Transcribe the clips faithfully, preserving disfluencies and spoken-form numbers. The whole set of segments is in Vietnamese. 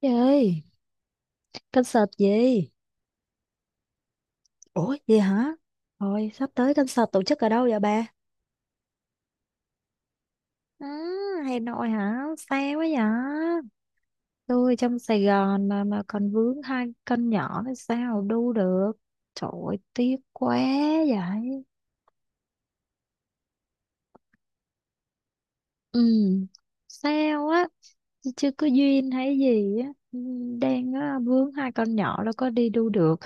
Trời ơi, concert gì? Ủa, gì hả? Thôi, sắp tới concert tổ chức ở đâu vậy bà? Ừ, Hà Nội hả? Xa quá vậy? Tôi trong Sài Gòn mà mà còn vướng hai con nhỏ thì sao đu được? Trời ơi, tiếc quá vậy. Ừ, sao á? Chứ chưa có duyên hay gì á. Ừ, đang á, vướng hai con nhỏ là có đi đu được.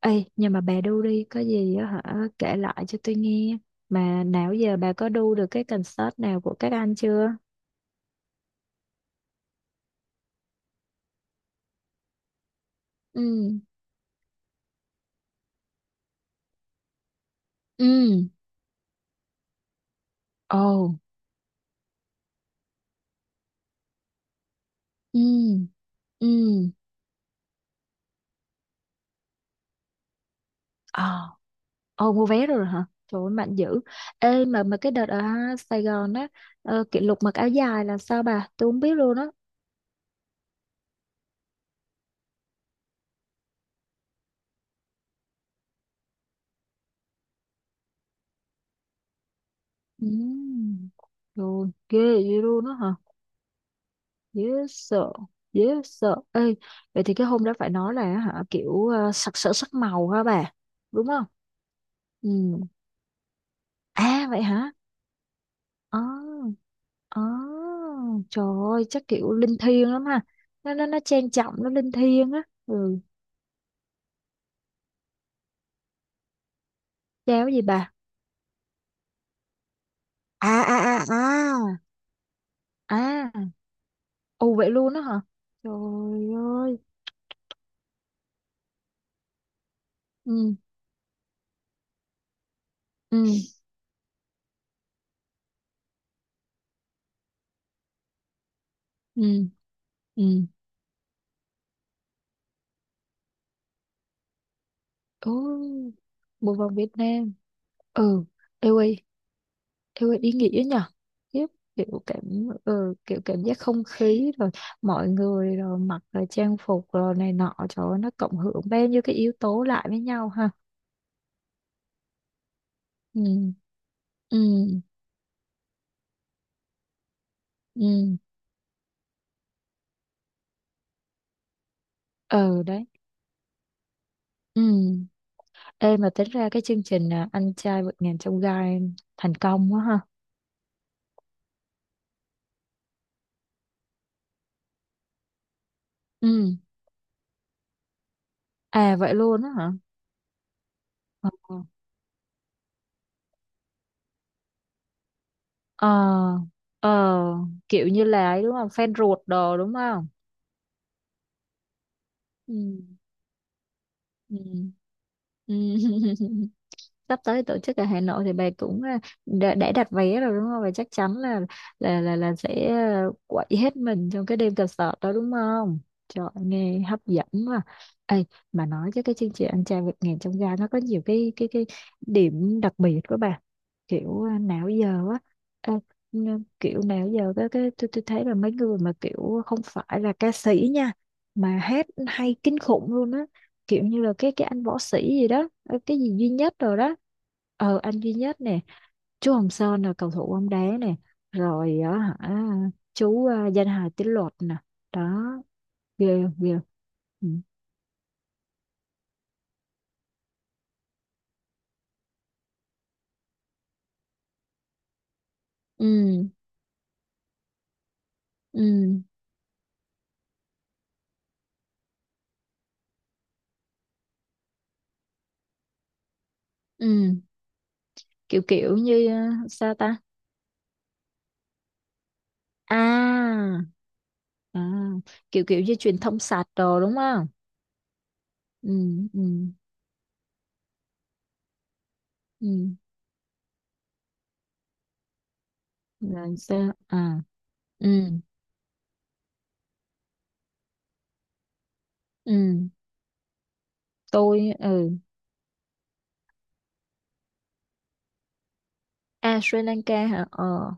Ê, nhưng mà bà đu đi, có gì á hả, kể lại cho tôi nghe. Mà nào giờ bà có đu được cái concert nào của các anh chưa? Ừ, ừ, ồ, ừ, ừ, ờ, ồ, mua vé rồi hả? Trời ơi, mạnh dữ. Ê, mà mà cái đợt ở Sài Gòn á, ờ, kỷ lục mặc áo dài là sao bà? Tôi không biết luôn á. Ừ, rồi, ghê vậy luôn á hả? Dễ sợ, dễ sợ. Ê, vậy thì cái hôm đó phải nói là hả, kiểu ờ, sặc sỡ sắc màu hả bà? Đúng không? Ừ. À vậy hả? Ờ. Ờ. Trời ơi, chắc kiểu linh thiêng lắm ha. Nó nó nó trang trọng, nó linh thiêng á. Ừ. Cháo gì bà? À à à à. À, ồ vậy luôn đó hả? Trời ơi. Ừ ừ ừ ừ. Ồ, bộ vòng Việt Nam. Ừ. Ê ơi, theo ý nghĩa nhở. Khiếp, kiểu cảm ừ, kiểu cảm giác không khí rồi mọi người rồi mặc rồi trang phục rồi này nọ, trời ơi, nó cộng hưởng bao nhiêu cái yếu tố lại với nhau ha. Ừ ừ ừ ừ đấy. Ừ. Ê mà tính ra cái chương trình à, anh trai vượt ngàn chông gai thành công quá ha. Ừ, à vậy luôn á hả, ờ, ờ, ờ, kiểu như là ấy đúng không, fan ruột đồ đúng không. Ừ ừ ừ. Sắp tới tổ chức ở Hà Nội thì bà cũng à, đã, đã đặt vé rồi đúng không? Và chắc chắn là là là là sẽ à, quậy hết mình trong cái đêm concert đó đúng không? Trời nghe hấp dẫn mà. Ê, mà nói chứ cái chương trình anh trai vượt ngàn chông gai nó có nhiều cái cái cái điểm đặc biệt của bà, kiểu à, nào giờ á, à, n- kiểu nào giờ cái cái tôi tôi thấy là mấy người mà kiểu không phải là ca sĩ nha, mà hát hay kinh khủng luôn á, kiểu như là cái cái anh võ sĩ gì đó, ờ, cái gì Duy Nhất rồi đó. Ờ anh Duy Nhất nè, chú Hồng Sơn là cầu thủ bóng đá nè, rồi á hả, chú à, danh hài Tiến Luật nè, đó, ghê không, ghê không? Ừ ừ ừ ừ. Kiểu kiểu như à, sao ta, à, à kiểu kiểu như truyền thông sạch đồ đúng không. Ừ ừ ừ là sao à. Ừ ừ tôi ừ à Sri Lanka hả ờ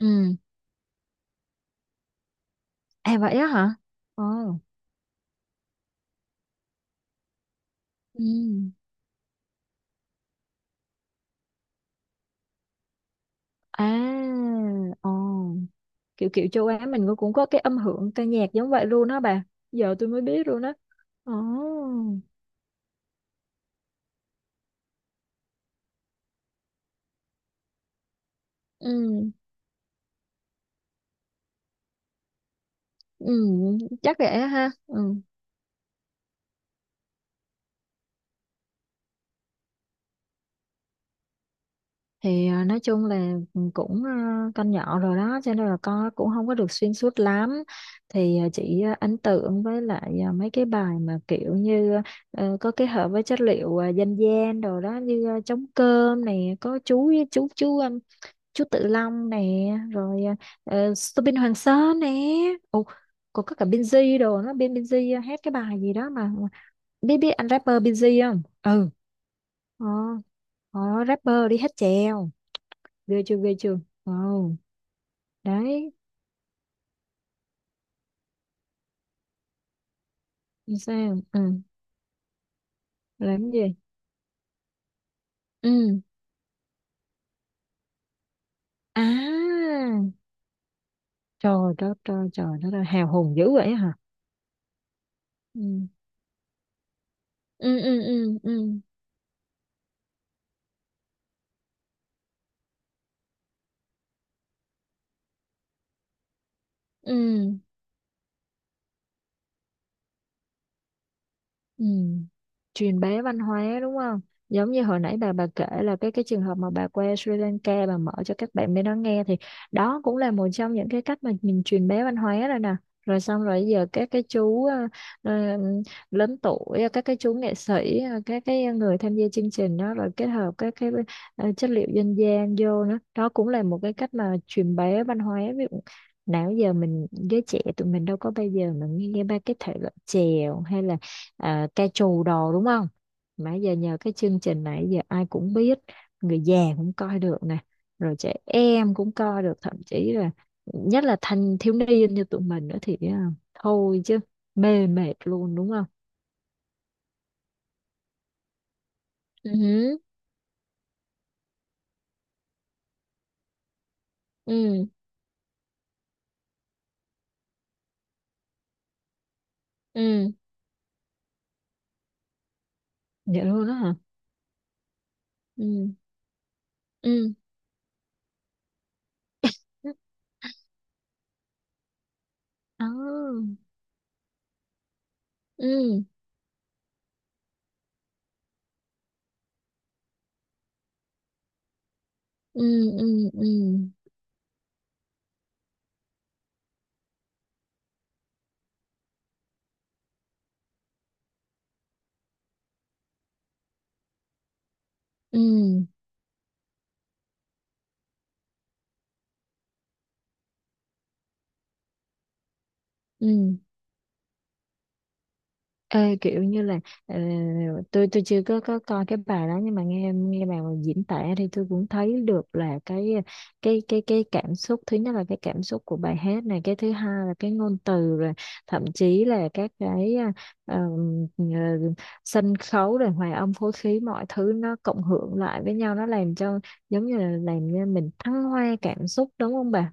ừ. À vậy á hả? Ồ. Ừ. À, ồ. Kiểu kiểu châu Á mình cũng có cái âm hưởng ca nhạc giống vậy luôn đó bà. Giờ tôi mới biết luôn đó. Ồ. Ừ. Ừ. Chắc vậy á ha. Ừ. Thì à, nói chung là ừ, cũng à, con nhỏ rồi đó cho nên là con cũng không có được xuyên suốt lắm. Thì à, chỉ à, ấn tượng với lại à, mấy cái bài mà kiểu như ờ, có kết hợp với chất liệu à, dân gian đồ đó, như à, trống cơm này có chú chú chú chú Tự Long nè, rồi uh, Subin Hoàng Sơn nè. Ồ, còn có cả Binz đồ, nó bên Binz hát cái bài gì đó mà biết biết anh rapper Binz không. Ừ, ờ. Ờ, rapper đi hát chèo, ghê chưa ghê chưa. Ờ đấy. Sao ừ. Làm gì. Ừ. À trời đất, trời trời đất ơi, hào hùng dữ vậy hả. Ừ ừ ừ ừ ừ ừ. Ừ. Truyền bá văn hóa đúng không, giống như hồi nãy bà bà kể là cái cái trường hợp mà bà qua Sri Lanka, bà mở cho các bạn bên đó nghe thì đó cũng là một trong những cái cách mà mình truyền bá văn hóa rồi nè. Rồi xong rồi giờ các cái chú ờ, ờ, lớn tuổi, các cái chú nghệ sĩ, ờ, các cái người tham gia chương trình đó rồi kết hợp các cái ờ, chất liệu dân gian vô nữa, đó cũng là một cái cách mà truyền bá văn hóa. Ví dụ nào giờ mình giới trẻ tụi mình đâu có bao giờ mà nghe ba cái thể loại chèo hay là ờ, ca trù đồ đúng không, mà giờ nhờ cái chương trình này giờ ai cũng biết, người già cũng coi được nè, rồi trẻ em cũng coi được, thậm chí là nhất là thanh thiếu niên như tụi mình nữa thì ờ, thôi chứ mê mệt luôn đúng không. Ừ hứ, ừ ừ vậy luôn đó hả. Ừ ừ ừ. Đó. Ừ ừ ừ ừ ừ ừ. Ê, kiểu như là ờ, tôi tôi chưa có có coi cái bài đó nhưng mà nghe nghe bà diễn tả thì tôi cũng thấy được là cái cái cái cái cảm xúc, thứ nhất là cái cảm xúc của bài hát này, cái thứ hai là cái ngôn từ rồi thậm chí là các cái ờ, ờ, sân khấu rồi hòa âm phối khí, mọi thứ nó cộng hưởng lại với nhau nó làm cho giống như là làm cho mình thăng hoa cảm xúc đúng không bà?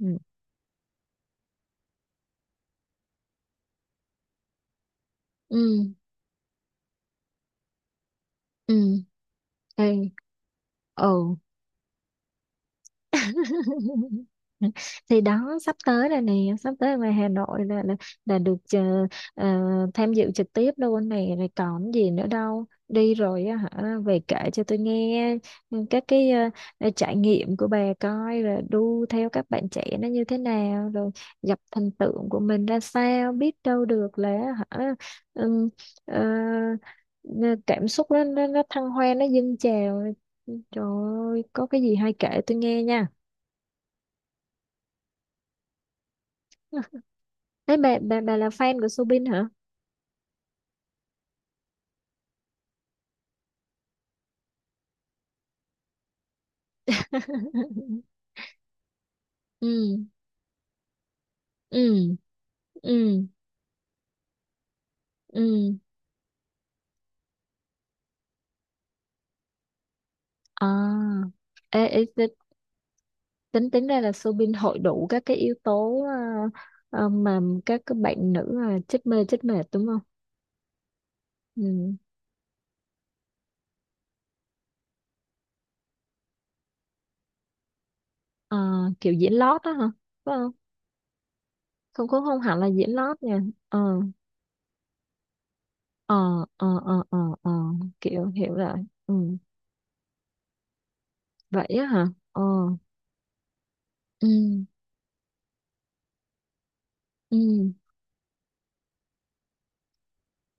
Ừ ừ ừ. Ê, ừ. Thì đó sắp tới là nè, sắp tới ở ngoài Hà Nội là là, là được ờ, ờ, tham dự trực tiếp luôn này, rồi còn gì nữa đâu, đi rồi á hả về kể cho tôi nghe, ừ, các cái ờ, ờ, trải nghiệm của bà, coi rồi đu theo các bạn trẻ nó như thế nào, rồi gặp thần tượng của mình ra sao, biết đâu được là hả, ừm, ờ, cảm xúc nó nó, nó thăng hoa nó dâng trào, trời ơi, có cái gì hay kể tôi nghe nha. Đấy bà, bà, bà là fan của Soobin hả? Ừ ừ ừ ừ à. Ê, ê, ti- tính tính ra là Soobin hội đủ các cái yếu tố ờ, ờ, mà các các bạn nữ là chết mê chết mệt đúng không. Ừ. Ờ, kiểu diễn lót đó hả, phải không, không cũng không hẳn là diễn lót nha. Ờ ờ ờ ờ ờ ờ. Kiểu hiểu rồi. Ừ vậy á hả ờ ừ ừ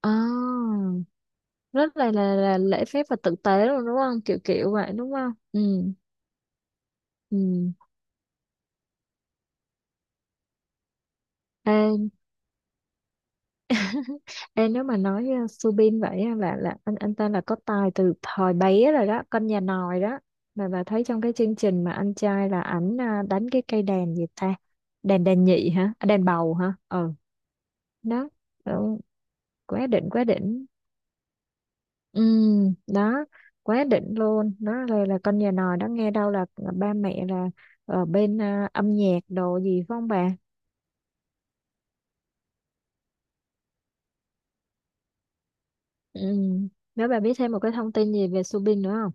à rất là là, là lễ phép và tử tế luôn đúng không, kiểu kiểu vậy đúng không. Ừ ừ. Ê, ê, nếu mà nói uh, Subin vậy á, là là anh anh ta là có tài từ thời bé rồi đó, con nhà nòi đó, mà bà thấy trong cái chương trình mà anh trai là ảnh à, đánh cái cây đàn gì ta. Đàn đàn nhị hả, à, đàn bầu hả ừ. Đó ừ, quá đỉnh quá đỉnh. Ừ đó, quá đỉnh luôn đó, là, là con nhà nòi đó, nghe đâu là ba mẹ là ở bên à, âm nhạc đồ gì phải không bà. Ừ. Nếu bà biết thêm một cái thông tin gì về Subin nữa không?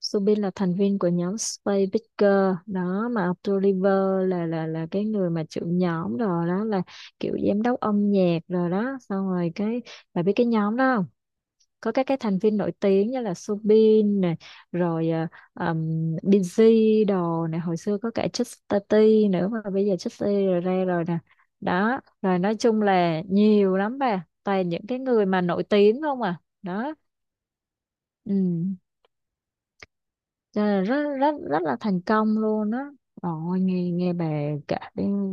Subin là thành viên của nhóm Space Picker đó mà Oliver là là là cái người mà trưởng nhóm rồi đó, là kiểu giám đốc âm nhạc rồi đó, xong rồi cái bà biết cái nhóm đó không? Có các cái thành viên nổi tiếng như là Subin này, rồi uh, um, Busy đồ này, hồi xưa có cả Justin T nữa mà bây giờ Justin rồi ra rồi nè, đó, rồi nói chung là nhiều lắm bà, toàn những cái người mà nổi tiếng không à, đó. Ừ, cho nên là rất rất rất là thành công luôn đó. Ôi, nghe nghe bà kể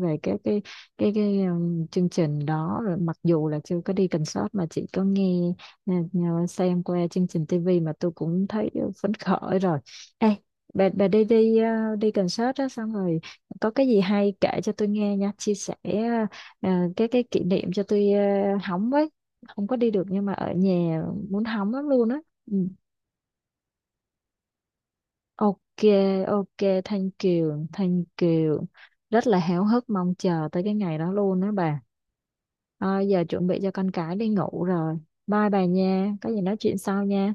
về cái cái cái cái um, chương trình đó, rồi mặc dù là chưa có đi concert mà chỉ có nghe nghe- nghe- xem qua chương trình ti vi mà tôi cũng thấy phấn khởi rồi. Ê, bà bà đi đi, uh, đi concert đó xong rồi có cái gì hay kể cho tôi nghe nha, chia sẻ ờ, cái cái kỷ niệm cho tôi, ờ, hóng với, không có đi được nhưng mà ở nhà muốn hóng lắm luôn á. Ừ. Ok, ok, Thanh Kiều, Thanh Kiều. Rất là háo hức mong chờ tới cái ngày đó luôn đó bà. À, giờ chuẩn bị cho con cái đi ngủ rồi. Bye bà nha, có gì nói chuyện sau nha.